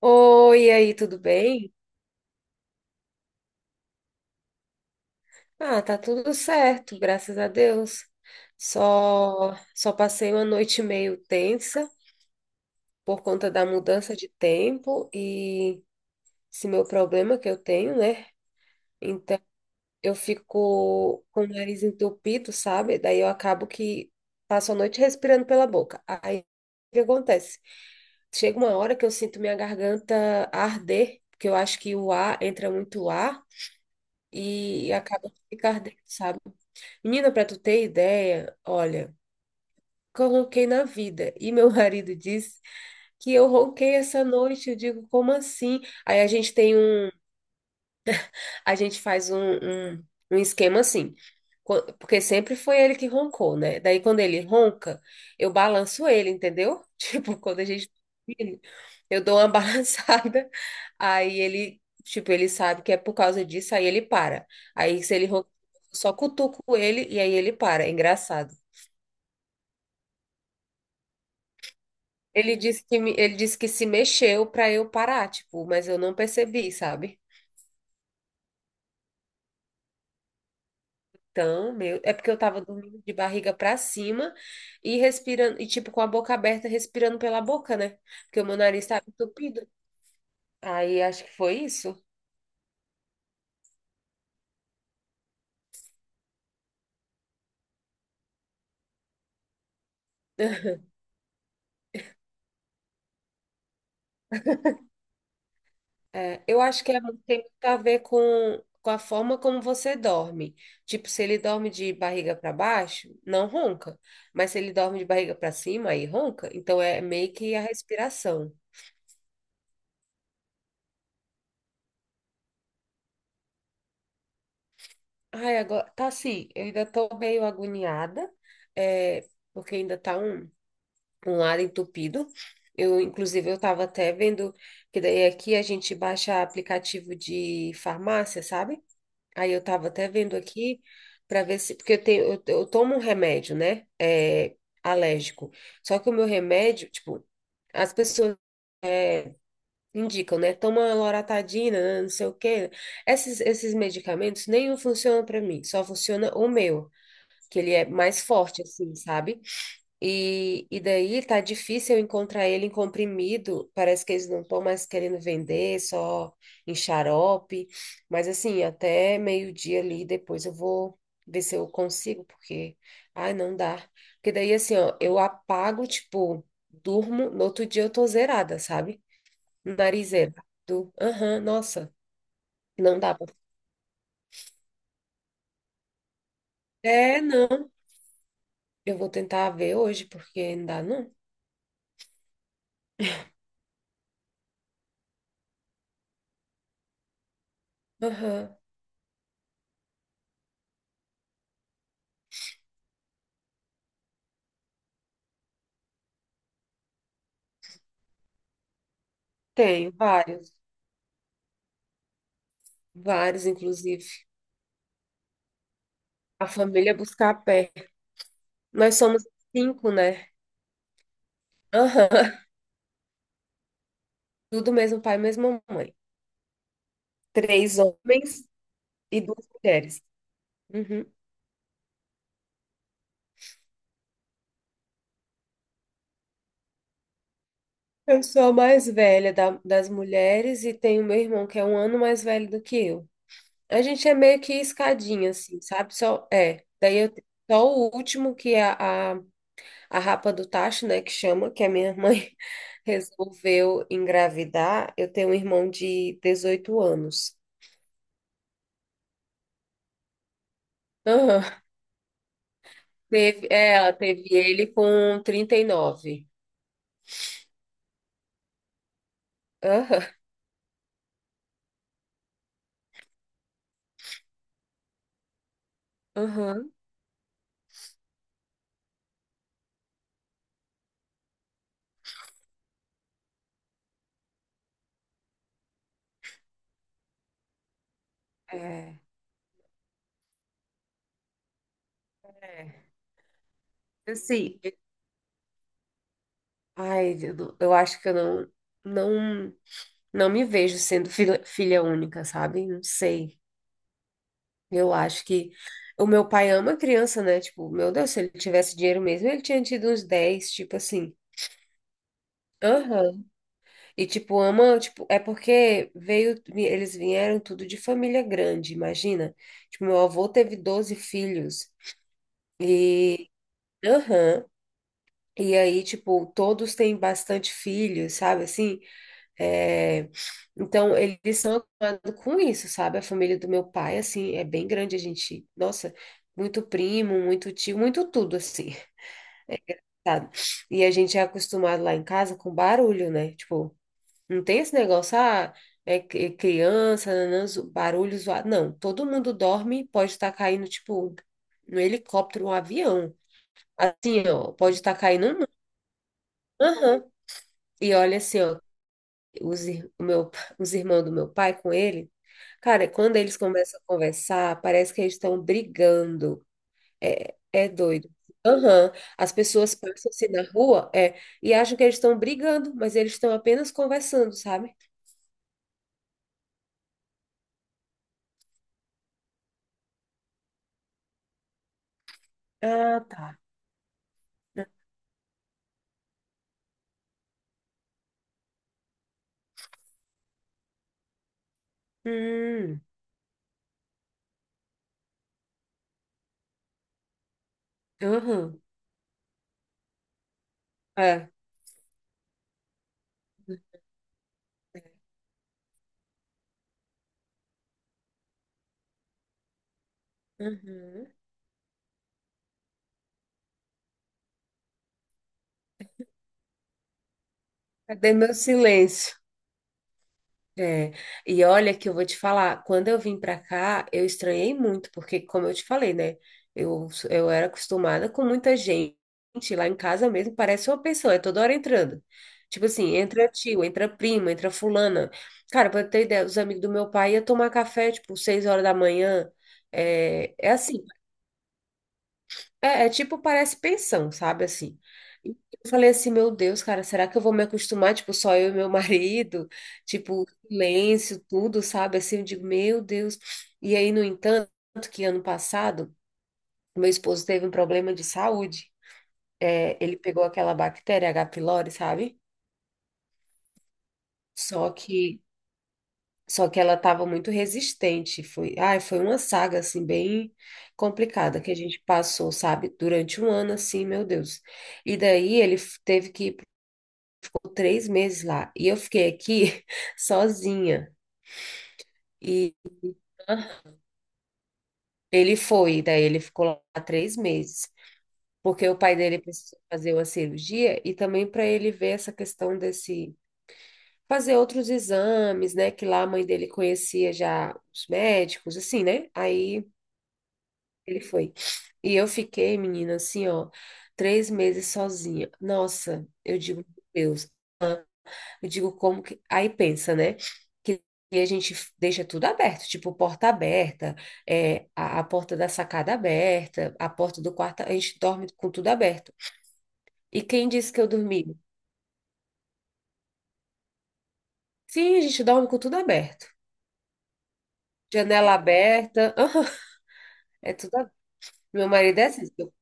Oi, e aí, tudo bem? Ah, tá tudo certo, graças a Deus. Só passei uma noite meio tensa por conta da mudança de tempo e esse meu problema que eu tenho, né? Então, eu fico com o nariz entupido, sabe? Daí eu acabo que passo a noite respirando pela boca. Aí, o que acontece? Chega uma hora que eu sinto minha garganta arder, porque eu acho que o ar entra muito ar e acaba que fica ardendo, sabe? Menina, pra tu ter ideia, olha, coloquei na vida. E meu marido disse que eu ronquei essa noite. Eu digo, como assim? Aí a gente faz um esquema assim. Porque sempre foi ele que roncou, né? Daí quando ele ronca, eu balanço ele, entendeu? Tipo, quando a gente tá dormindo, eu dou uma balançada, aí ele, tipo, ele sabe que é por causa disso, aí ele para. Aí se ele ronca, eu só cutuco ele e aí ele para. É engraçado. Ele disse que, ele disse que se mexeu pra eu parar, tipo, mas eu não percebi, sabe? Então, meu, é porque eu tava dormindo de barriga pra cima e respirando, e tipo, com a boca aberta, respirando pela boca, né? Porque o meu nariz tava entupido. Aí acho que foi isso. É, eu acho que tem muito a ver com a forma como você dorme. Tipo, se ele dorme de barriga para baixo, não ronca. Mas se ele dorme de barriga para cima, aí ronca. Então é meio que a respiração. Ai, agora tá assim, eu ainda tô meio agoniada, é, porque ainda tá um lado entupido. Eu, inclusive, eu tava até vendo que daí aqui a gente baixa aplicativo de farmácia, sabe? Aí eu tava até vendo aqui para ver se, porque eu tomo um remédio, né? É, alérgico. Só que o meu remédio, tipo, as pessoas é, indicam, né? Toma loratadina, né, não sei o quê. Esses medicamentos nenhum funciona para mim, só funciona o meu que ele é mais forte, assim, sabe? E daí tá difícil eu encontrar ele em comprimido, parece que eles não estão mais querendo vender, só em xarope, mas assim, até meio-dia ali, depois eu vou ver se eu consigo, porque, ai, não dá. Porque daí, assim, ó, eu apago, tipo, durmo, no outro dia eu tô zerada, sabe? Narizeira. Do, aham, nossa, não dá pra... É, não, eu vou tentar ver hoje, porque não dá, não. Aham, tenho vários. Vários, inclusive. A família é buscar a pé. Nós somos cinco, né? Aham. Tudo mesmo pai, mesma mãe. Três homens e duas mulheres. Uhum. Eu sou a mais velha das mulheres e tenho meu irmão que é 1 ano mais velho do que eu. A gente é meio que escadinha, assim, sabe? Só, é. Daí eu tenho só o último que é a rapa do tacho, né? Que chama, que a minha mãe resolveu engravidar. Eu tenho um irmão de 18 anos. Aham. Teve, é, ela teve ele com 39. Aham, aham. É, é. Assim, ai, eu, eu acho que eu não, não, não me vejo sendo filha, filha única, sabe? Não sei. Eu acho que o meu pai ama criança, né? Tipo, meu Deus, se ele tivesse dinheiro mesmo, ele tinha tido uns 10 tipo assim. Aham. E tipo, ama, tipo, é porque veio, eles vieram tudo de família grande, imagina. Tipo, meu avô teve 12 filhos. E aham. E aí, tipo, todos têm bastante filhos, sabe, assim, é... Então eles são acostumados com isso, sabe, a família do meu pai, assim, é bem grande, a gente, nossa, muito primo, muito tio, muito tudo, assim, sabe, e a gente é acostumado lá em casa com barulho, né, tipo, não tem esse negócio, ah, é criança, nanã, barulho zoado, não, todo mundo dorme, pode estar caindo, tipo, no helicóptero, um avião, assim, ó, pode estar caindo um... Aham. E olha assim, ó, os, ir- o meu, os irmãos do meu pai com ele, cara, quando eles começam a conversar, parece que eles estão brigando. É doido. Aham. As pessoas passam assim na rua, é, e acham que eles estão brigando, mas eles estão apenas conversando, sabe? Ah, tá. Hum, aham. É. Uhum. Cadê meu silêncio? É, e olha que eu vou te falar, quando eu vim pra cá, eu estranhei muito, porque como eu te falei, né, eu era acostumada com muita gente, lá em casa mesmo parece uma pessoa, é toda hora entrando. Tipo assim, entra tio, entra prima, entra fulana. Cara, pra ter ideia, os amigos do meu pai iam tomar café, tipo, 6 horas da manhã, é assim, é tipo, parece pensão, sabe, assim. E eu falei assim, meu Deus, cara, será que eu vou me acostumar, tipo, só eu e meu marido? Tipo, silêncio, tudo, sabe? Assim, eu digo, meu Deus. E aí, no entanto, que ano passado, meu esposo teve um problema de saúde. É, ele pegou aquela bactéria H. pylori, sabe? Só que Só que ela estava muito resistente. Foi, ai, foi uma saga assim bem complicada que a gente passou, sabe? Durante um ano assim, meu Deus. E daí ele teve que ir por 3 meses lá e eu fiquei aqui sozinha. E ele foi, daí ele ficou lá 3 meses, porque o pai dele precisou fazer uma cirurgia e também para ele ver essa questão desse fazer outros exames, né? Que lá a mãe dele conhecia já os médicos, assim, né? Aí ele foi. E eu fiquei, menina, assim, ó, 3 meses sozinha. Nossa, eu digo, meu Deus, eu digo como que. Aí pensa, né? Que a gente deixa tudo aberto, tipo, porta aberta, é, a porta da sacada aberta, a porta do quarto, a gente dorme com tudo aberto. E quem disse que eu dormi? Sim, a gente dorme com tudo aberto. Janela aberta, é tudo aberto. Meu marido é assim,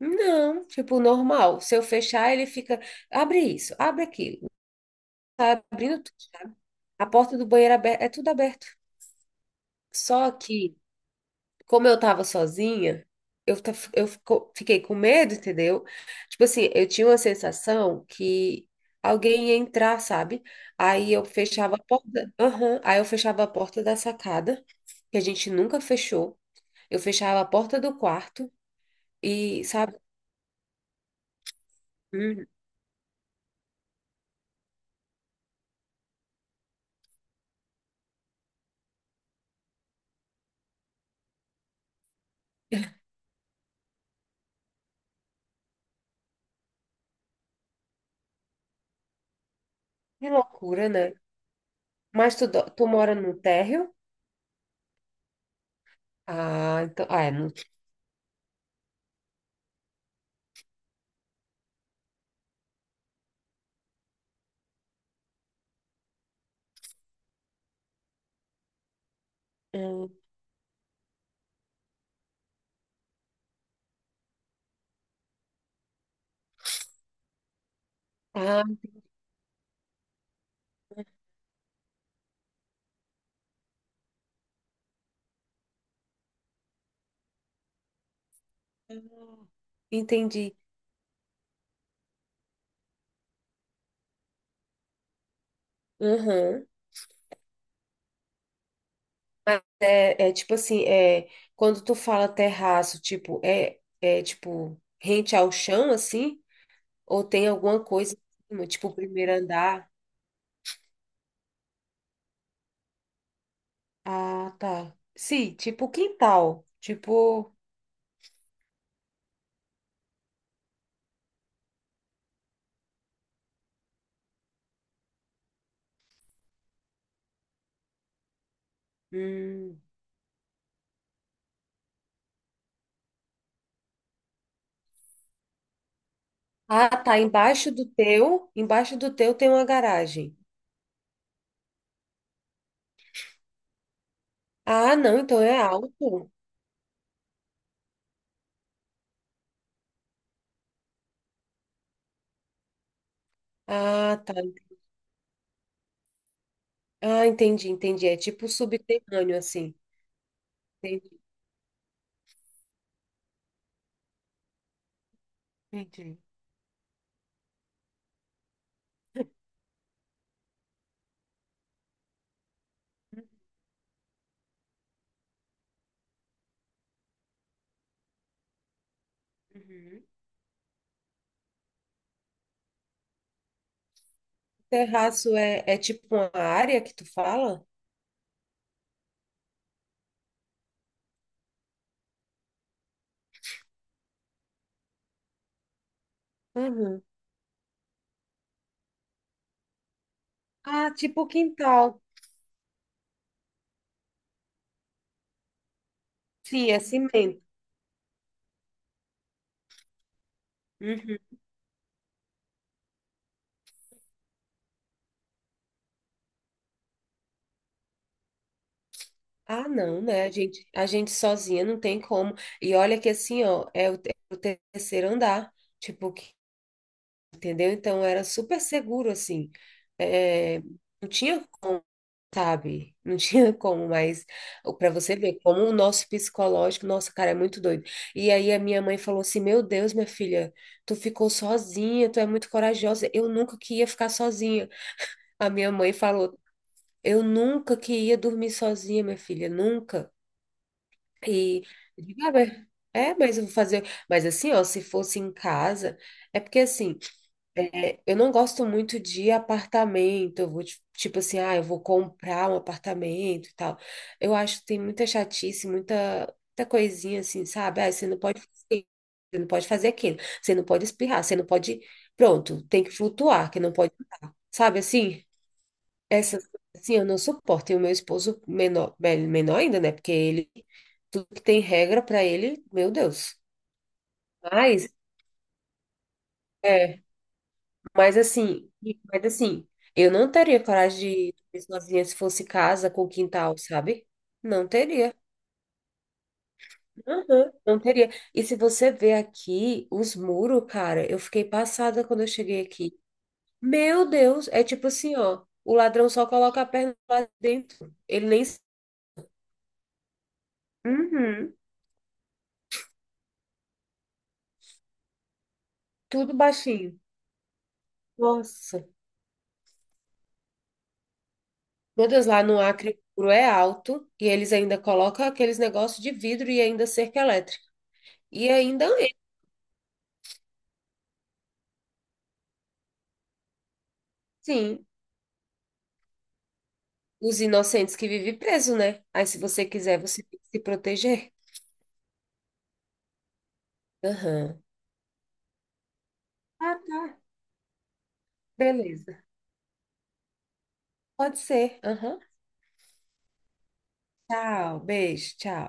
não, tipo, normal. Se eu fechar, ele fica. Abre isso, abre aquilo. Tá abrindo a porta do banheiro aberta, é tudo aberto. Só que, como eu tava sozinha, eu, ta- eu fico- fiquei com medo, entendeu? Tipo assim, eu tinha uma sensação que alguém ia entrar, sabe? Aí eu fechava a porta, aham, aí eu fechava a porta da sacada, que a gente nunca fechou. Eu fechava a porta do quarto e, sabe? Hum. Que loucura, né? Mas tu mora no térreo? Ah, então, ah, é no, hum. Hum, entendi. Uhum. Mas é, tipo assim, é, quando tu fala terraço, tipo, é tipo rente ao chão, assim? Ou tem alguma coisa, em cima, tipo, primeiro andar? Ah, tá. Sim, tipo quintal. Tipo. Hum. Ah, tá. Embaixo do teu tem uma garagem. Ah, não, então é alto. Ah, tá. Ah, entendi, entendi. É tipo subterrâneo, assim. Entendi. Entendi. Uhum. Terraço é tipo uma área que tu fala? Uhum. Ah, tipo quintal. Sim, é cimento. Uhum. Ah, não, né? A gente sozinha não tem como. E olha que assim, ó, é o terceiro andar. Tipo, entendeu? Então era super seguro, assim. É, não tinha, sabe? Não tinha como, mas para você ver como o nosso psicológico, nossa, cara, é muito doido. E aí a minha mãe falou assim: Meu Deus, minha filha, tu ficou sozinha, tu é muito corajosa. Eu nunca que ia ficar sozinha. A minha mãe falou: Eu nunca que ia dormir sozinha, minha filha, nunca. E eu digo, ah, mas- é, mas eu vou fazer. Mas assim, ó, se fosse em casa, é porque assim. É, eu não gosto muito de apartamento, eu vou, tipo assim, ah, eu vou comprar um apartamento e tal. Eu acho que tem muita chatice, muita, muita coisinha assim, sabe? Ah, você não pode fazer, isso, você não pode fazer aquilo, você não pode espirrar, você não pode. Pronto, tem que flutuar, que não pode andar. Sabe assim? Essas coisas assim eu não suporto. E o meu esposo menor, menor ainda, né? Porque ele, tudo que tem regra para ele, meu Deus. Mas. É, Mas assim, mas assim, eu não teria coragem de dormir sozinha se fosse casa com quintal, sabe? Não teria. Aham. Não teria. E se você ver aqui os muros, cara, eu fiquei passada quando eu cheguei aqui. Meu Deus, é tipo assim, ó, o ladrão só coloca a perna lá dentro. Ele nem. Uhum. Tudo baixinho. Nossa. Meu Deus, lá no Acre o muro é alto e eles ainda colocam aqueles negócios de vidro e ainda cerca elétrica. E ainda sim, os inocentes que vivem preso, né? Aí, se você quiser, você tem que se proteger. Aham. Ah, tá. Beleza. Pode ser. Aham. Tchau, beijo, tchau.